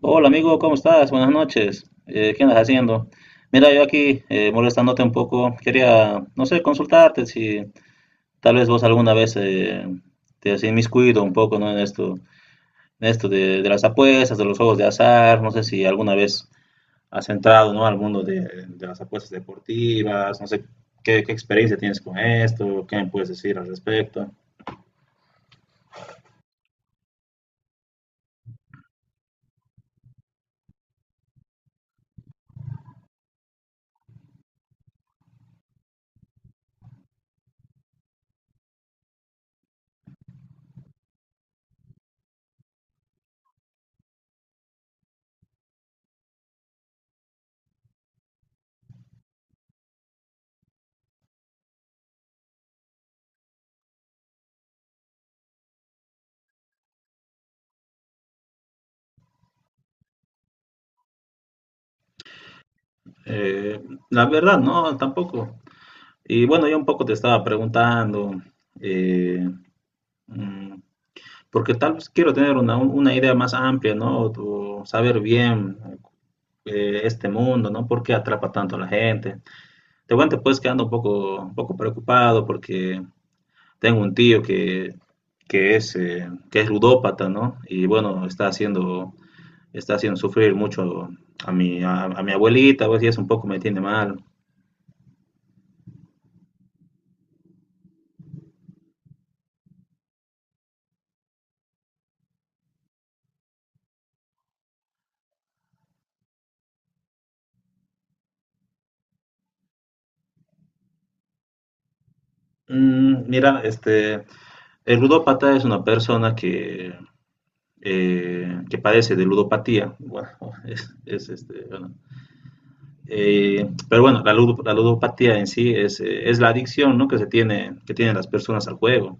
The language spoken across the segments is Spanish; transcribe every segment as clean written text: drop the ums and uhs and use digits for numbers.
Hola amigo, ¿cómo estás? Buenas noches. ¿Qué andas haciendo? Mira, yo aquí molestándote un poco, quería, no sé, consultarte si tal vez vos alguna vez te has inmiscuido un poco, ¿no? En esto de las apuestas, de los juegos de azar, no sé si alguna vez has entrado, ¿no? Al mundo de las apuestas deportivas, no sé qué, qué experiencia tienes con esto, qué me puedes decir al respecto. Eh, la verdad, no, tampoco. Y bueno, yo un poco te estaba preguntando. Mm, Porque tal vez quiero tener una idea más amplia, ¿no? O saber bien este mundo, ¿no? ¿Por qué atrapa tanto a la gente? Te cuento pues que ando un poco preocupado porque tengo un tío que es ludópata, ¿no? Y bueno, está haciendo sufrir mucho a mi abuelita, pues, y eso un poco me tiene mal. Mira, este, el ludópata es una persona que padece de ludopatía, bueno, es este, bueno, pero bueno, la, ludo, la, ludopatía en sí es la adicción, ¿no? Que, se tiene, que tienen las personas al juego,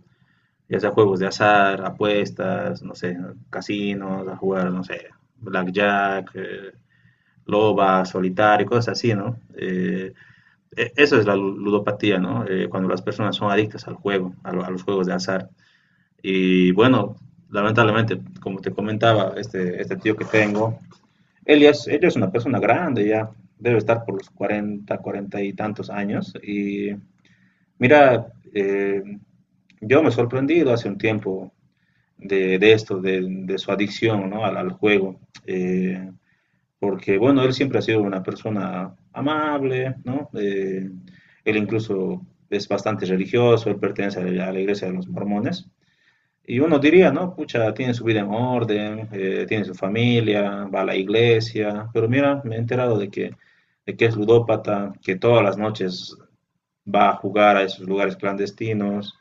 ya sea juegos de azar, apuestas, no sé, casinos, a jugar, no sé, blackjack, loba, solitario, cosas así, ¿no? E, eso es la ludopatía, ¿no? Cuando las personas son adictas al juego, a, lo, a, los juegos de azar. Y bueno, lamentablemente, como te comentaba, este tío que tengo, él, ya es, ella es una persona grande ya, debe estar por los 40, 40 y tantos años. Y mira, yo me he sorprendido hace un tiempo de esto, de, su adicción, ¿no? Al, al, juego. Eh, Porque, bueno, él siempre ha sido una persona amable, ¿no? Él incluso es bastante religioso, él pertenece a la iglesia de los mormones. Y uno diría, ¿no? Pucha, tiene su vida en orden, tiene su familia, va a la iglesia, pero mira, me he enterado de que es ludópata, que todas las noches va a jugar a esos lugares clandestinos,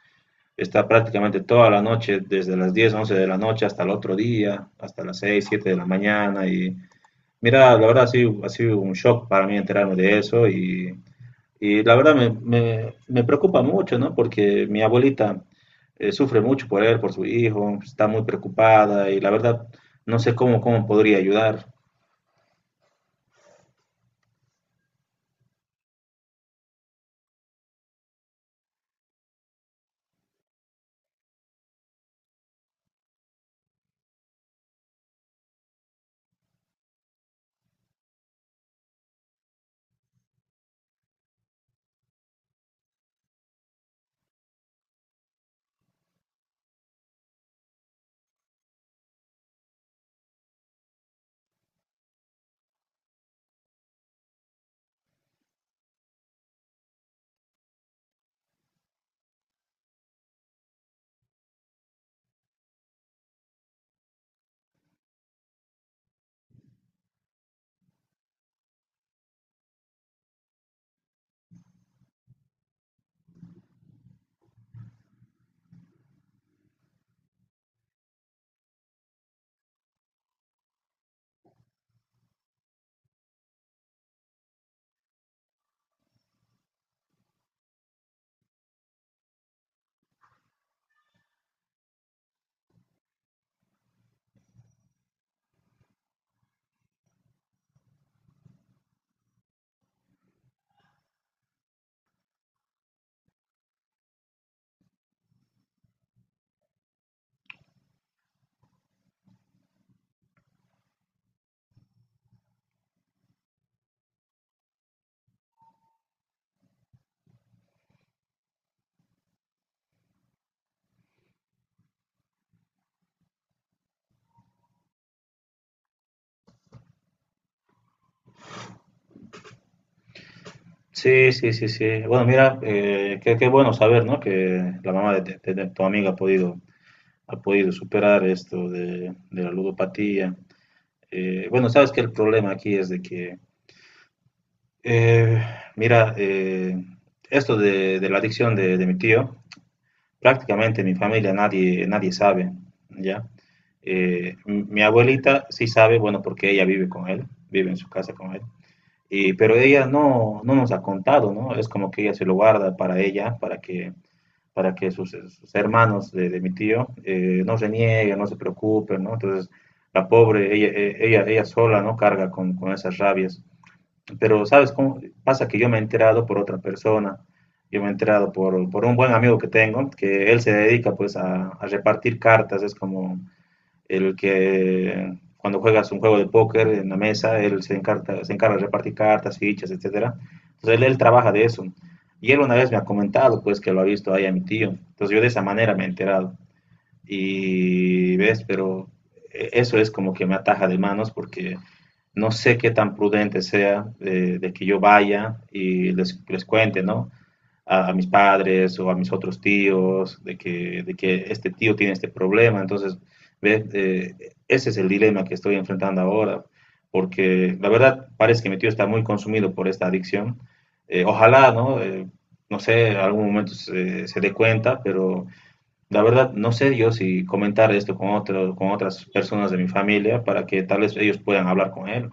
está prácticamente toda la noche, desde las 10 11 de la noche hasta el otro día, hasta las 6 7 de la mañana, y mira, la verdad ha sido un shock para mí enterarme de eso y la verdad me, me preocupa mucho, ¿no? Porque mi abuelita sufre mucho por él, por su hijo, está muy preocupada y la verdad no sé cómo, cómo podría ayudar. Sí, sí, sí, sí. Bueno, mira, qué, qué bueno saber, ¿no? Que la mamá de, de tu amiga ha podido superar esto de la ludopatía. Bueno, sabes que el problema aquí es de que, eh, mira, esto de la adicción de mi tío, prácticamente mi familia nadie, nadie sabe, ¿ya? Mi abuelita sí sabe, bueno, porque ella vive con él, vive en su casa con él, y, pero ella no, no nos ha contado, ¿no? Es como que ella se lo guarda para ella, para que sus, sus hermanos de mi tío no se nieguen, no se preocupen, ¿no? Entonces, la pobre, ella, ella, ella sola, ¿no? Carga con esas rabias pero ¿sabes cómo? Pasa que yo me he enterado por otra persona, yo me he enterado por un buen amigo que tengo, que él se dedica pues a repartir cartas, es como el que cuando juegas un juego de póker en la mesa, él se encarga de repartir cartas, fichas, etcétera. Entonces él trabaja de eso. Y él una vez me ha comentado pues que lo ha visto ahí a mi tío. Entonces yo de esa manera me he enterado. Y ves, pero eso es como que me ataja de manos porque no sé qué tan prudente sea de que yo vaya y les cuente, ¿no? A, mis padres o a mis otros tíos de que este tío tiene este problema. Entonces, ¿ves? Ese es el dilema que estoy enfrentando ahora, porque la verdad parece que mi tío está muy consumido por esta adicción. Ojalá, ¿no? No sé, algún momento se, se dé cuenta, pero la verdad, no sé yo si comentar esto con otro, con otras personas de mi familia para que tal vez ellos puedan hablar con él.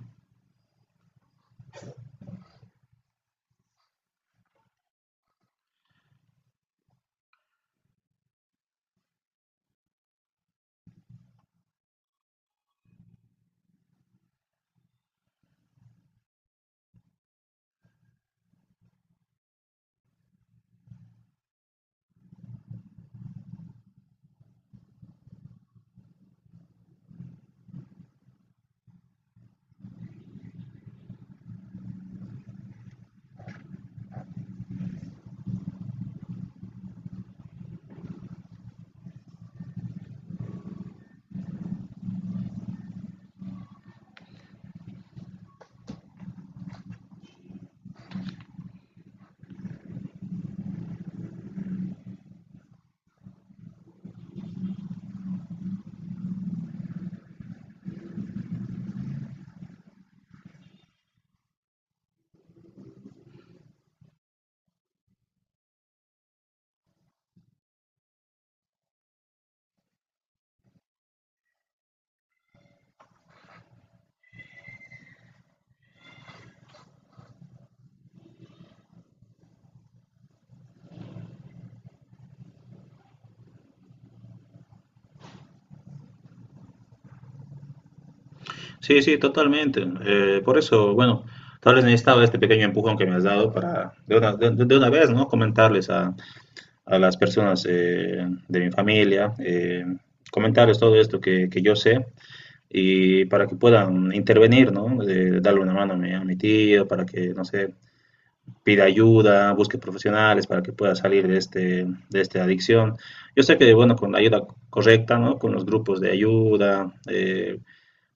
Sí, sí, totalmente. Por eso, bueno, tal vez necesitaba este pequeño empujón que me has dado para de una vez, ¿no? Comentarles a las personas de mi familia, comentarles todo esto que yo sé y para que puedan intervenir, ¿no? De darle una mano a mi tío, para que, no sé, pida ayuda, busque profesionales para que pueda salir de, este, de esta adicción. Yo sé que, bueno, con la ayuda correcta, ¿no? Con los grupos de ayuda,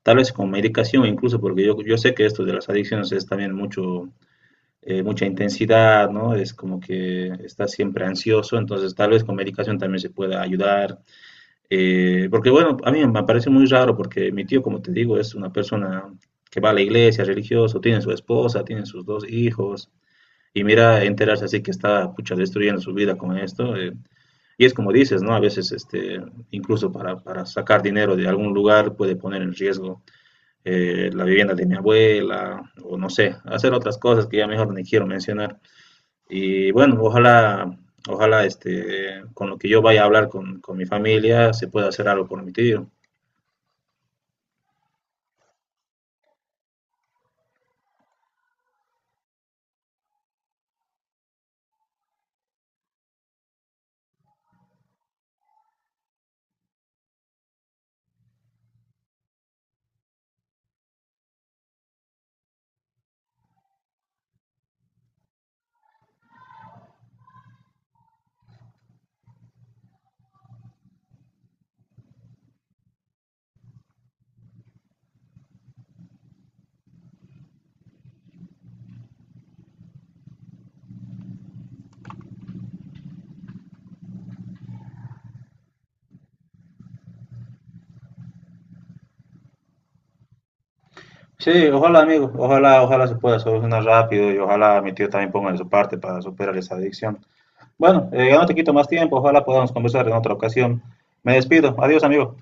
tal vez con medicación incluso, porque yo sé que esto de las adicciones es también mucho, mucha intensidad, ¿no? Es como que estás siempre ansioso, entonces tal vez con medicación también se pueda ayudar. Porque bueno, a mí me parece muy raro porque mi tío, como te digo, es una persona que va a la iglesia, religioso, tiene su esposa, tiene sus dos hijos, y mira, enterarse así que está, pucha, destruyendo su vida con esto. Y es como dices, ¿no? A veces, este, incluso para sacar dinero de algún lugar puede poner en riesgo la vivienda de mi abuela o no sé, hacer otras cosas que ya mejor ni quiero mencionar. Y bueno, ojalá, ojalá, este, con lo que yo vaya a hablar con mi familia se pueda hacer algo por mi tío. Sí, ojalá, amigo, ojalá, ojalá se pueda solucionar rápido y ojalá mi tío también ponga de su parte para superar esa adicción. Bueno, ya no te quito más tiempo, ojalá podamos conversar en otra ocasión. Me despido, adiós amigo.